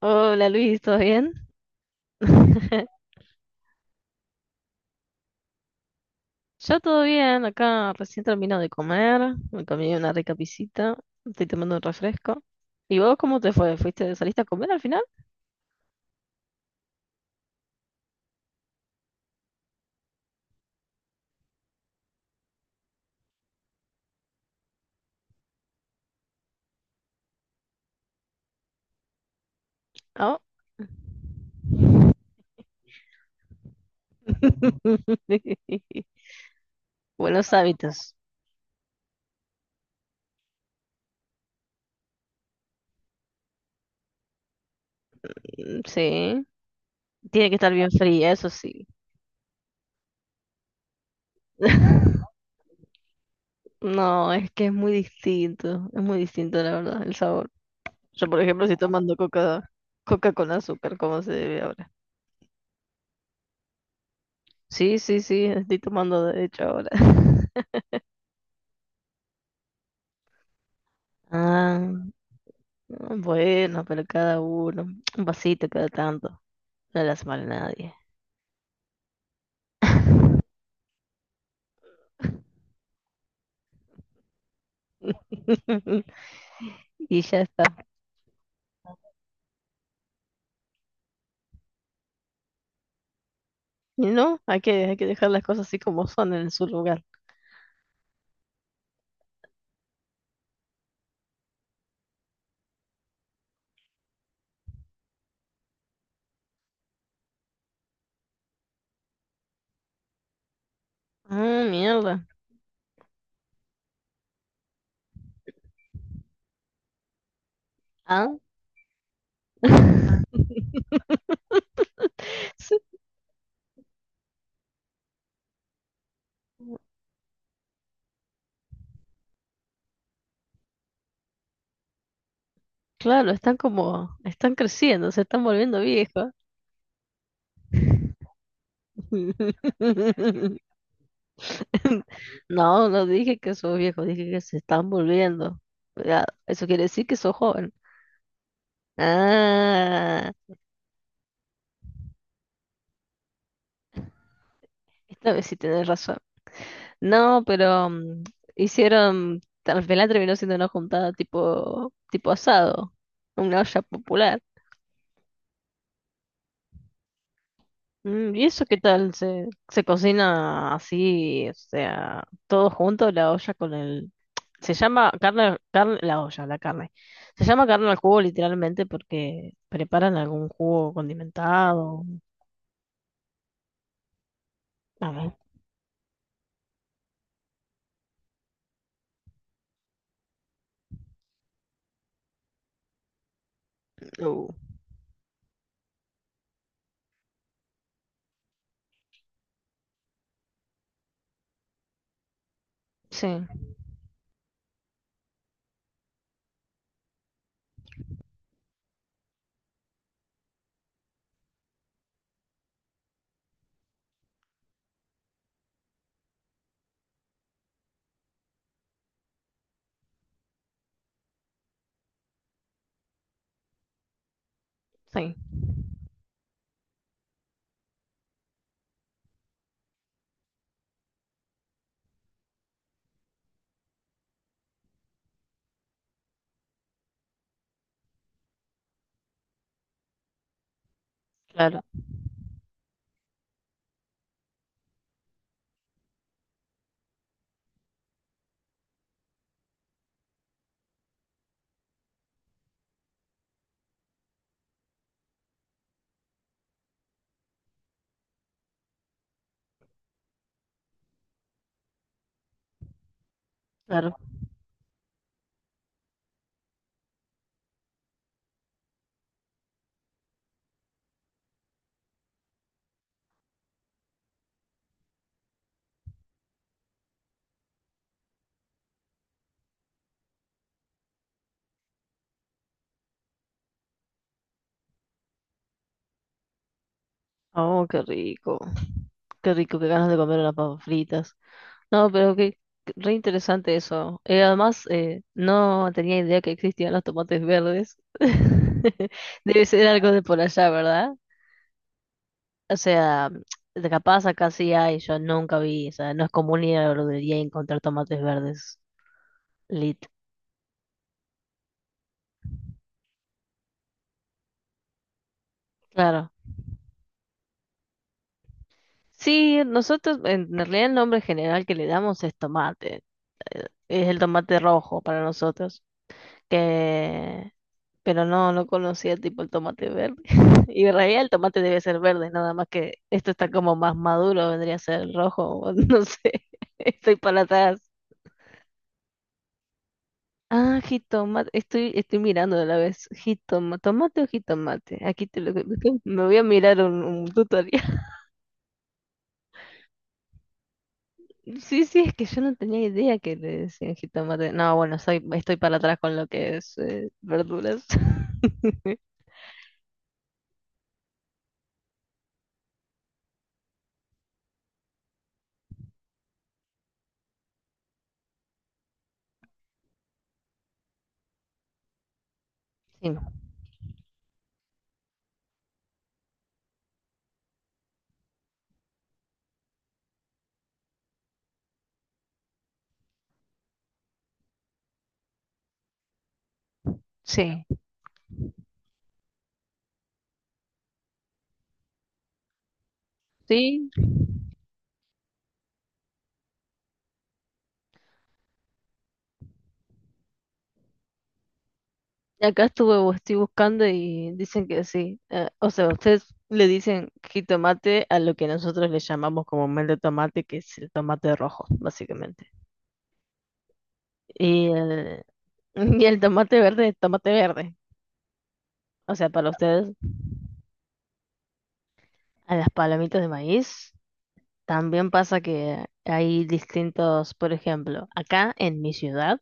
Hola Luis, ¿todo bien? Yo todo bien, acá recién termino de comer, me comí una rica pisita, estoy tomando un refresco. ¿Y vos cómo te fue? ¿Fuiste, saliste a comer al final? Oh. Buenos hábitos. Sí, tiene que estar bien fría, eso sí. No, es que es muy distinto la verdad, el sabor. Yo, por ejemplo, estoy tomando coca, coca con azúcar, como se debe ahora. Sí, sí, sí, estoy tomando de hecho ahora. Ah, bueno, pero cada uno, un vasito cada tanto, no las mal a nadie. Y ya está. Y no, hay que dejar las cosas así como son en su lugar. Ah, mierda. Ah. Sí. Claro, están como, están creciendo, se están volviendo viejos. No, no dije que sos viejo, dije que se están volviendo. Cuidado, eso quiere decir que sos joven. Ah, esta vez sí tenés razón. No, pero hicieron, al final terminó siendo una juntada tipo, tipo asado, una olla popular. ¿Y eso qué tal? ¿Se, se cocina así, o sea, todo junto, la olla con el... Se llama carne, carne, la olla, la carne. Se llama carne al jugo literalmente porque preparan algún jugo condimentado. A ver. Uh, Sí, sí, claro, claro. Oh, qué rico. Qué rico, qué ganas de comer unas papas fritas. No, pero que re interesante eso. Además, no tenía idea que existían los tomates verdes. Debe ser algo de por allá, ¿verdad? O sea, de capaz acá sí hay, yo nunca vi. O sea, no es común ir a la verdulería y encontrar tomates verdes. Lit. Claro. Sí, nosotros, en realidad el nombre general que le damos es tomate. Es el tomate rojo para nosotros. Que... Pero no, no conocía tipo el tomate verde. Y en realidad el tomate debe ser verde, nada más que esto está como más maduro, vendría a ser rojo, o no sé. Estoy para atrás. Ah, jitomate, estoy, estoy mirando de la vez. Jitomate ¿tomate o jitomate? Aquí te lo me voy a mirar un tutorial. Sí, sí, es que yo no tenía idea que le decían jitomate. No, bueno, soy, estoy para atrás con lo que es verduras. Sí, no, sí, sí, acá estuve, estoy buscando y dicen que sí. O sea, ustedes le dicen jitomate a lo que nosotros le llamamos comúnmente tomate, que es el tomate rojo, básicamente. Y el, y el tomate verde es tomate verde. O sea, para ustedes, a las palomitas de maíz también pasa que hay distintos, por ejemplo, acá en mi ciudad,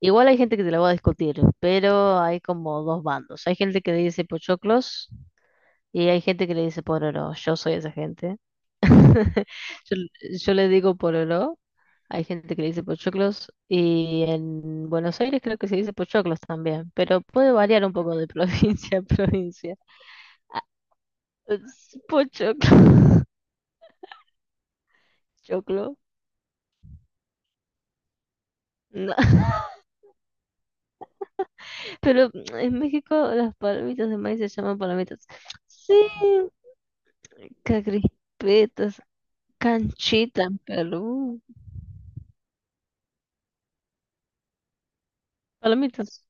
igual hay gente que te lo va a discutir, pero hay como dos bandos. Hay gente que dice pochoclos. Y hay gente que le dice pororó, yo soy esa gente. Yo, yo le digo pororó, hay gente que le dice pochoclos y en Buenos Aires creo que se dice pochoclos también, pero puede variar un poco de provincia a provincia. Ah, es pochoclo, choclo, no. Pero en México las palomitas de maíz se llaman palomitas. Sí, crispetas, canchitas en Perú, palomitas.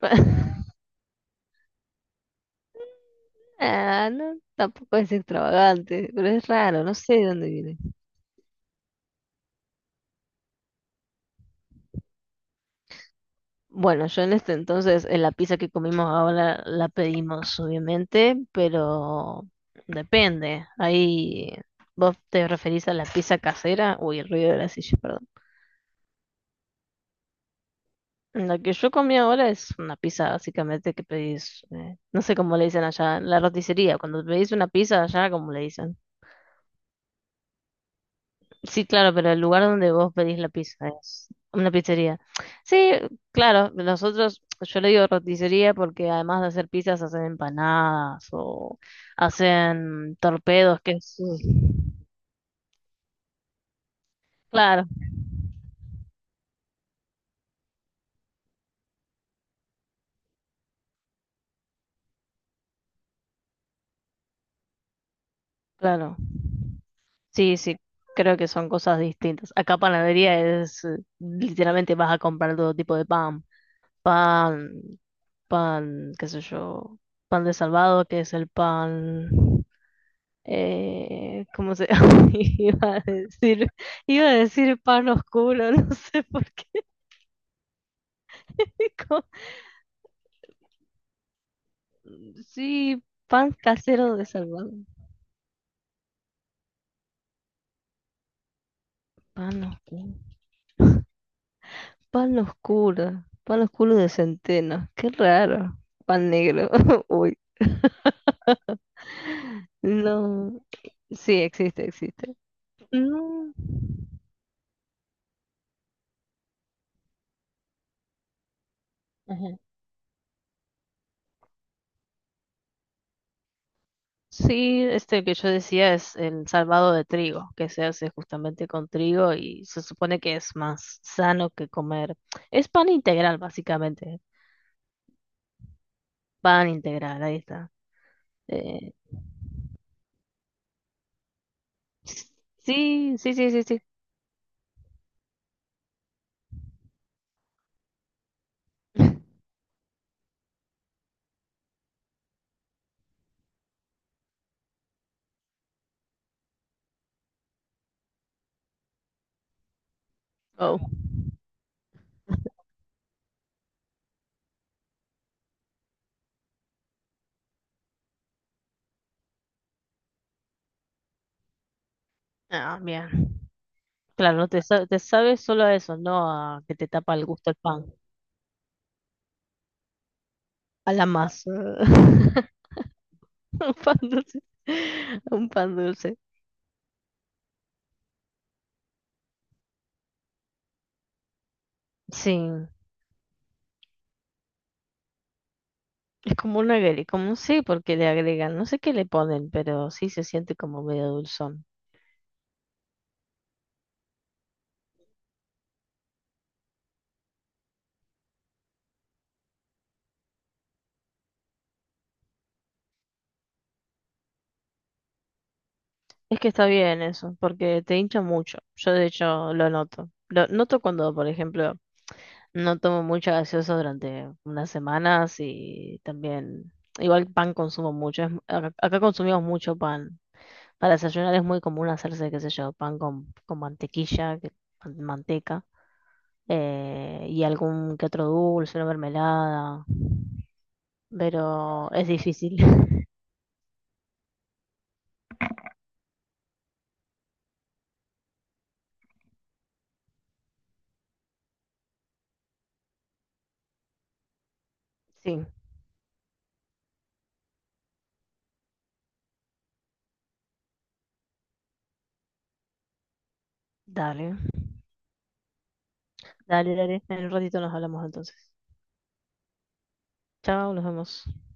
Ah, no, tampoco es extravagante, pero es raro, no sé de dónde viene. Bueno, yo en este entonces, en la pizza que comimos ahora la pedimos, obviamente, pero depende. Ahí vos te referís a la pizza casera. Uy, el ruido de la silla, perdón. La que yo comí ahora es una pizza básicamente que pedís, no sé cómo le dicen allá, la roticería. Cuando pedís una pizza allá, ¿cómo le dicen? Sí, claro, pero el lugar donde vos pedís la pizza es una pizzería. Sí, claro, nosotros, yo le digo roticería porque además de hacer pizzas hacen empanadas o hacen torpedos, que es... Claro, claro. Sí, sí, creo que son cosas distintas. Acá panadería es, literalmente vas a comprar todo tipo de pan. Pan, pan, qué sé yo, pan de salvado, que es el pan. ¿Cómo se llama? ¿Iba a decir? Iba a decir pan oscuro, no sé por qué. Co- sí, pan casero de Salvador. Pan oscuro. Pan oscuro. Pan oscuro de centeno. Qué raro. Pan negro. Uy. No. Sí, existe, existe. No. Ajá. Sí, este que yo decía es el salvado de trigo, que se hace justamente con trigo y se supone que es más sano que comer. Es pan integral, básicamente. Pan integral, ahí está. Eh, sí, sí, sí, sí, sí. Oh, ah, bien. Claro, no te, sa- te sabes solo a eso, no a que te tapa el gusto el pan, a la masa. Un pan dulce. Un pan dulce. Sí. Es como un agre, como un sí, porque le agregan, no sé qué le ponen, pero sí se siente como medio dulzón. Es que está bien eso, porque te hincha mucho. Yo de hecho lo noto. Lo noto cuando, por ejemplo, no tomo mucha gaseosa durante unas semanas y también, igual pan consumo mucho. Es mu- acá, acá consumimos mucho pan. Para desayunar es muy común hacerse, qué sé yo, pan con mantequilla, que- man- manteca, y algún que otro dulce, una mermelada, pero es difícil. Sí, dale. Dale, dale. En un ratito nos hablamos entonces. Chao, nos vemos.